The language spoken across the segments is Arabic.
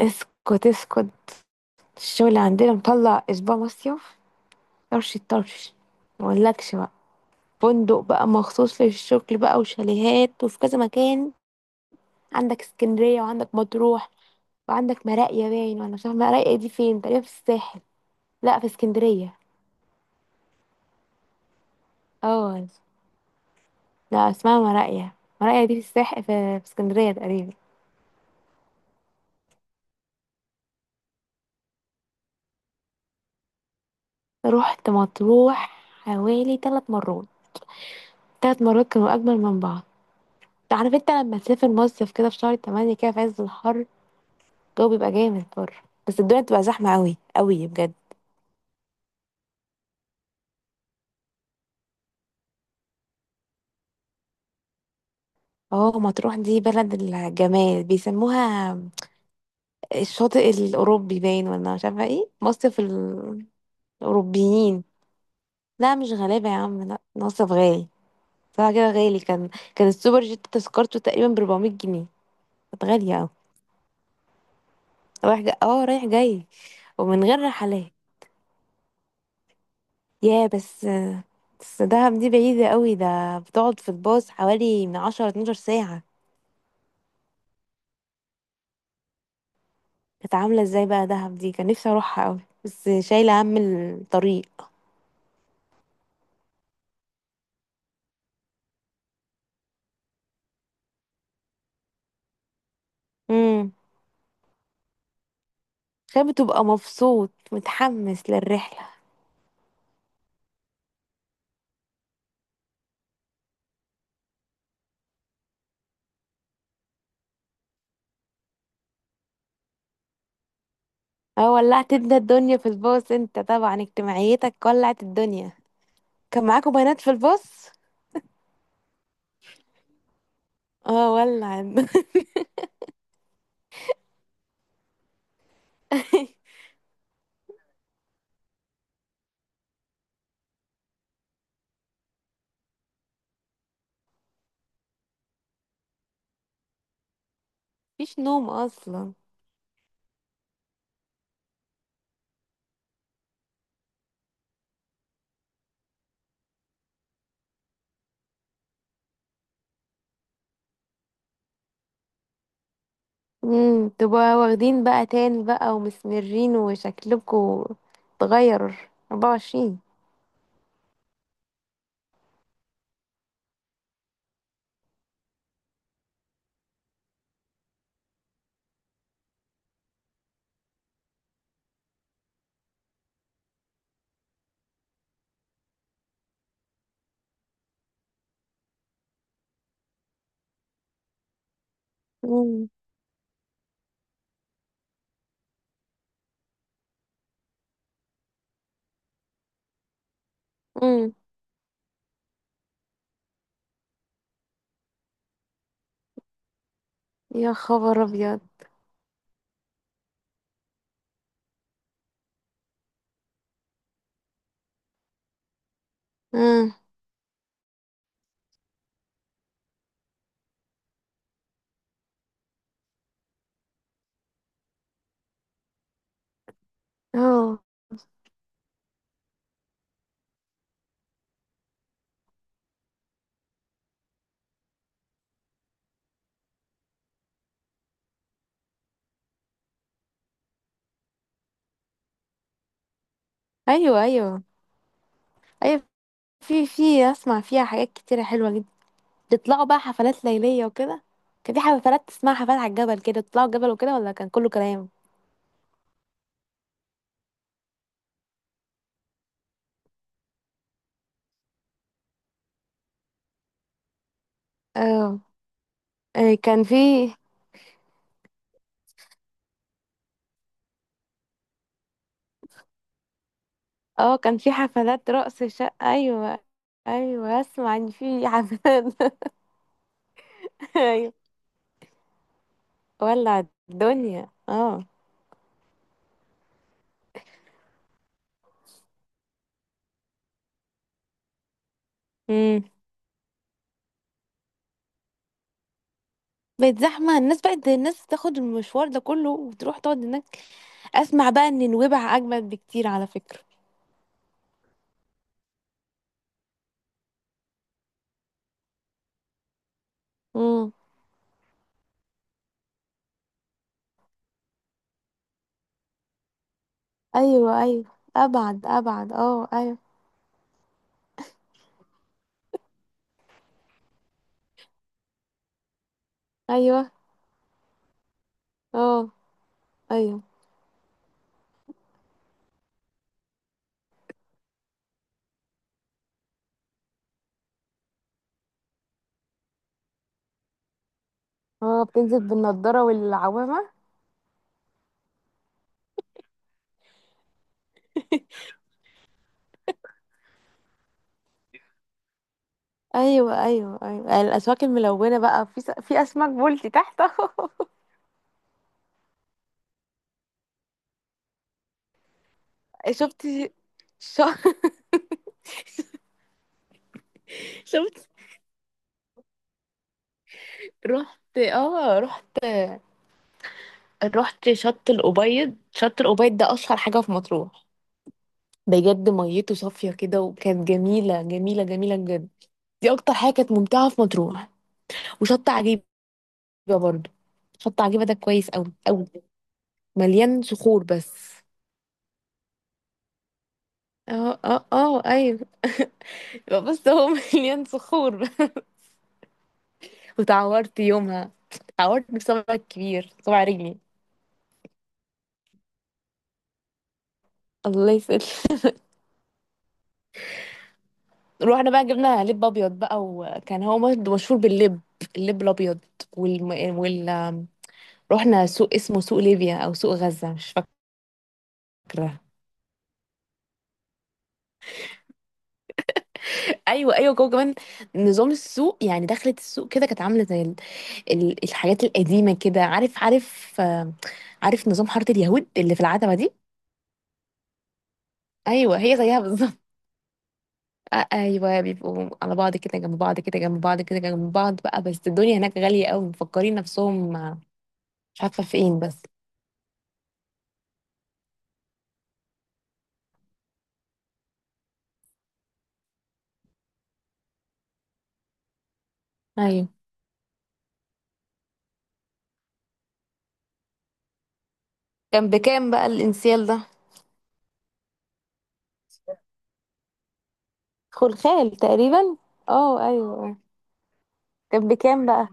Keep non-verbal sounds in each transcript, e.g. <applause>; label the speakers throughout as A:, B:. A: اسكت اسكت. الشغل عندنا مطلع اسبوع مصيف. طرش الطرش، ما اقولكش بقى. فندق بقى مخصوص للشغل بقى وشاليهات وفي كذا مكان. عندك اسكندرية وعندك مطروح وعندك مراقية باين، وانا مش عارفة مراقية دي فين، تقريبا في الساحل. لا، في اسكندرية. اه. لا، اسمها مراقية. مراقية دي في الساحل، في اسكندرية تقريبا. رحت مطروح حوالي ثلاث مرات. ثلاث مرات كانوا اجمل من بعض. عارف انت لما تسافر مصيف كده في شهر تمانية كده في عز الحر، الجو بيبقى جامد بره، بس الدنيا بتبقى زحمة قوي قوي بجد. اه، مطروح دي بلد الجمال بيسموها. الشاطئ الأوروبي باين ولا مش عارفة ايه، الأوروبيين. لا، مش غلابة يا عم، لا، مصيف غالي. صراحة كده غالي كان السوبر جيت تذكرته تقريبا ب 400 جنيه، كانت غالية اوي. رايح جاي، اه، رايح جاي. ومن غير رحلات. يا بس. بس دهب دي بعيدة قوي، ده بتقعد في الباص حوالي من 10 12 ساعة. كانت عاملة ازاي بقى دهب دي؟ كان نفسي اروحها قوي بس شايلة هم الطريق. امم كان بتبقى مبسوط متحمس للرحلة. اه، ولعت انت الدنيا في الباص، انت طبعا اجتماعيتك ولعت الدنيا. كان معاكوا بنات في الباص؟ اه، ولع. <laughs> مفيش نوم اصلا. تبقى واخدين بقى تان بقى ومسمرين، وشكلكوا اتغير 24. امم. امم. يا خبر ابيض. امم. اه. ايوه، ايوه، ايوه. في اسمع فيها حاجات كتيرة حلوة جدا. بتطلعوا بقى حفلات ليلية وكده؟ كان في حفلات اسمها حفلات على الجبل كده، تطلعوا الجبل وكده ولا كان كله كلام؟ اه. آه، كان في. اه، كان في حفلات رقص شقة. ايوه، ايوه، اسمع ان في حفلات. <laughs> ايوه. ولع الدنيا، اه. امم. بقت زحمة، الناس بقت الناس تاخد المشوار ده كله وتروح تقعد هناك. اسمع بقى ان نويبع اجمد بكتير على فكرة. امم. ايوه، ايوه. ابعد، ابعد، اه، ايوه. ايوه. اه. ايوه. اه، بتنزل بالنضارة والعوامة. ايوه، ايوه، ايوه، الاسماك الملونه بقى، في اسماك بولتي تحت اهو. <laughs> شفت. ش... <laughs> شفت. رحت، اه، رحت. رحت شط الأبيض. شط الأبيض ده اشهر حاجه في مطروح. بجد ميته صافيه كده، وكانت جميله جميله جميله بجد. دي اكتر حاجه كانت ممتعه في مطروح. وشط عجيبه برضو. شط عجيبه ده كويس قوي قوي. مليان صخور بس. اه، اه، اه، ايوه. <laughs> يبقى بس هو <laughs> مليان صخور. وتعورت يومها. تعورت بصبعي الكبير، صبع رجلي. الله يسهل. <laughs> رحنا بقى جبنا لب ابيض بقى، وكان هو مشهور باللب. اللب الابيض. والم... وال رحنا سوق اسمه سوق ليبيا او سوق غزة، مش فاكرة. ايوه، ايوه، جوه كمان. نظام السوق يعني، دخلت السوق كده كانت عامله زي الحاجات القديمه كده. عارف، عارف، آه، عارف نظام حاره اليهود اللي في العتبه دي. ايوه، هي زيها بالظبط. آه، ايوه، بيبقوا على بعض كده، جنب بعض كده، جنب بعض كده، جنب بعض بقى، بس الدنيا هناك غالية قوي، مفكرين نفسهم آه، مش عارفة فين بس. ايوه. كان بكام بقى الانسيال ده؟ خلخال تقريبا. اه، ايوه، آه. كان بكام بقى؟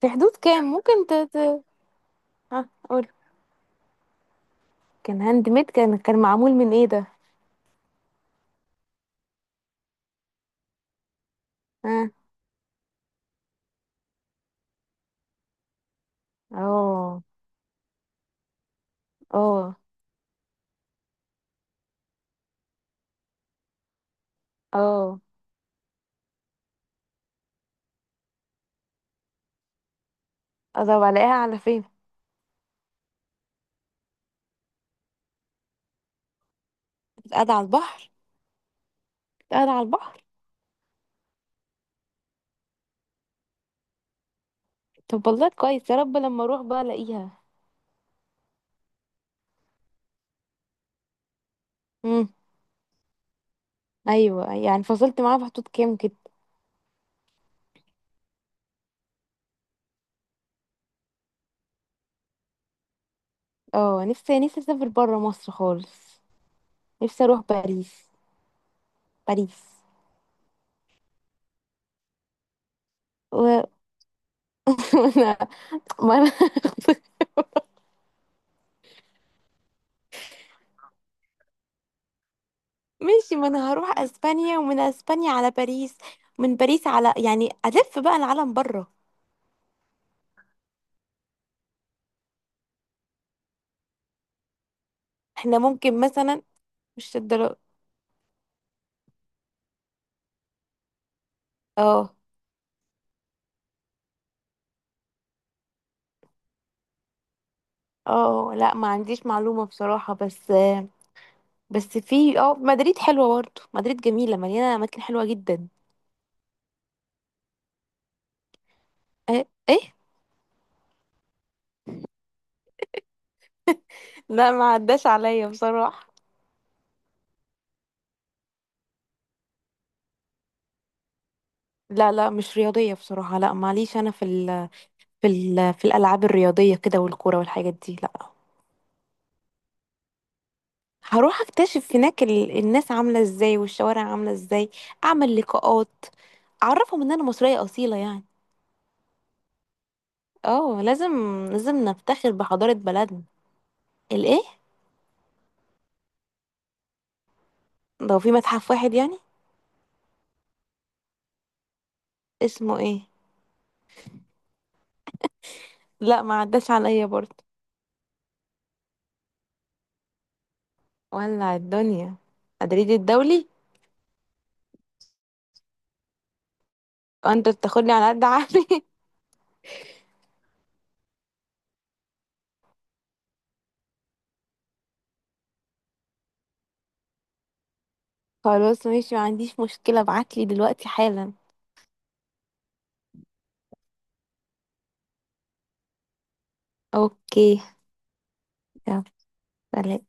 A: في حدود كام ممكن ها قول؟ كان هاند ميد؟ كان معمول من ايه ده؟ ها. اه. اه. اه. طب الاقيها على فين؟ قاعدة على البحر؟ قاعدة على البحر. طب، والله كويس، يا رب لما اروح بقى الاقيها. ايوه، يعني فصلت معاه في حدود كام كده؟ اه، نفسي اسافر بره مصر خالص. نفسي اروح باريس. باريس. و... <laughs> وانا ما انا. <laughs> ماشي، ما انا هروح اسبانيا، ومن اسبانيا على باريس، من باريس على يعني الف بقى العالم بره. احنا ممكن مثلا مش الدرا. اه، اه، لا، ما عنديش معلومة بصراحة، بس في مدريد حلوة برضه، مدريد جميلة مليانة اماكن حلوة جدا. ايه؟ ايه؟ <laughs> لا، ما عداش عليا بصراحة. لا، لا، مش رياضية بصراحة، لا معليش، أنا في الألعاب الرياضية كده والكورة والحاجات دي لا. هروح أكتشف هناك الناس عاملة إزاي والشوارع عاملة إزاي. أعمل لقاءات، أعرفهم إن أنا مصرية أصيلة يعني. اه، لازم. لازم نفتخر بحضارة بلدنا. الإيه؟ لو في متحف واحد يعني. اسمه إيه؟ لا، ما عداش عليا برضه. ولع الدنيا. مدريد الدولي. وأنت بتاخدني على قد عقلي. <laughs> خلاص ماشي، ما عنديش مشكلة، ابعتلي دلوقتي حالا. اوكي. يلا سلام.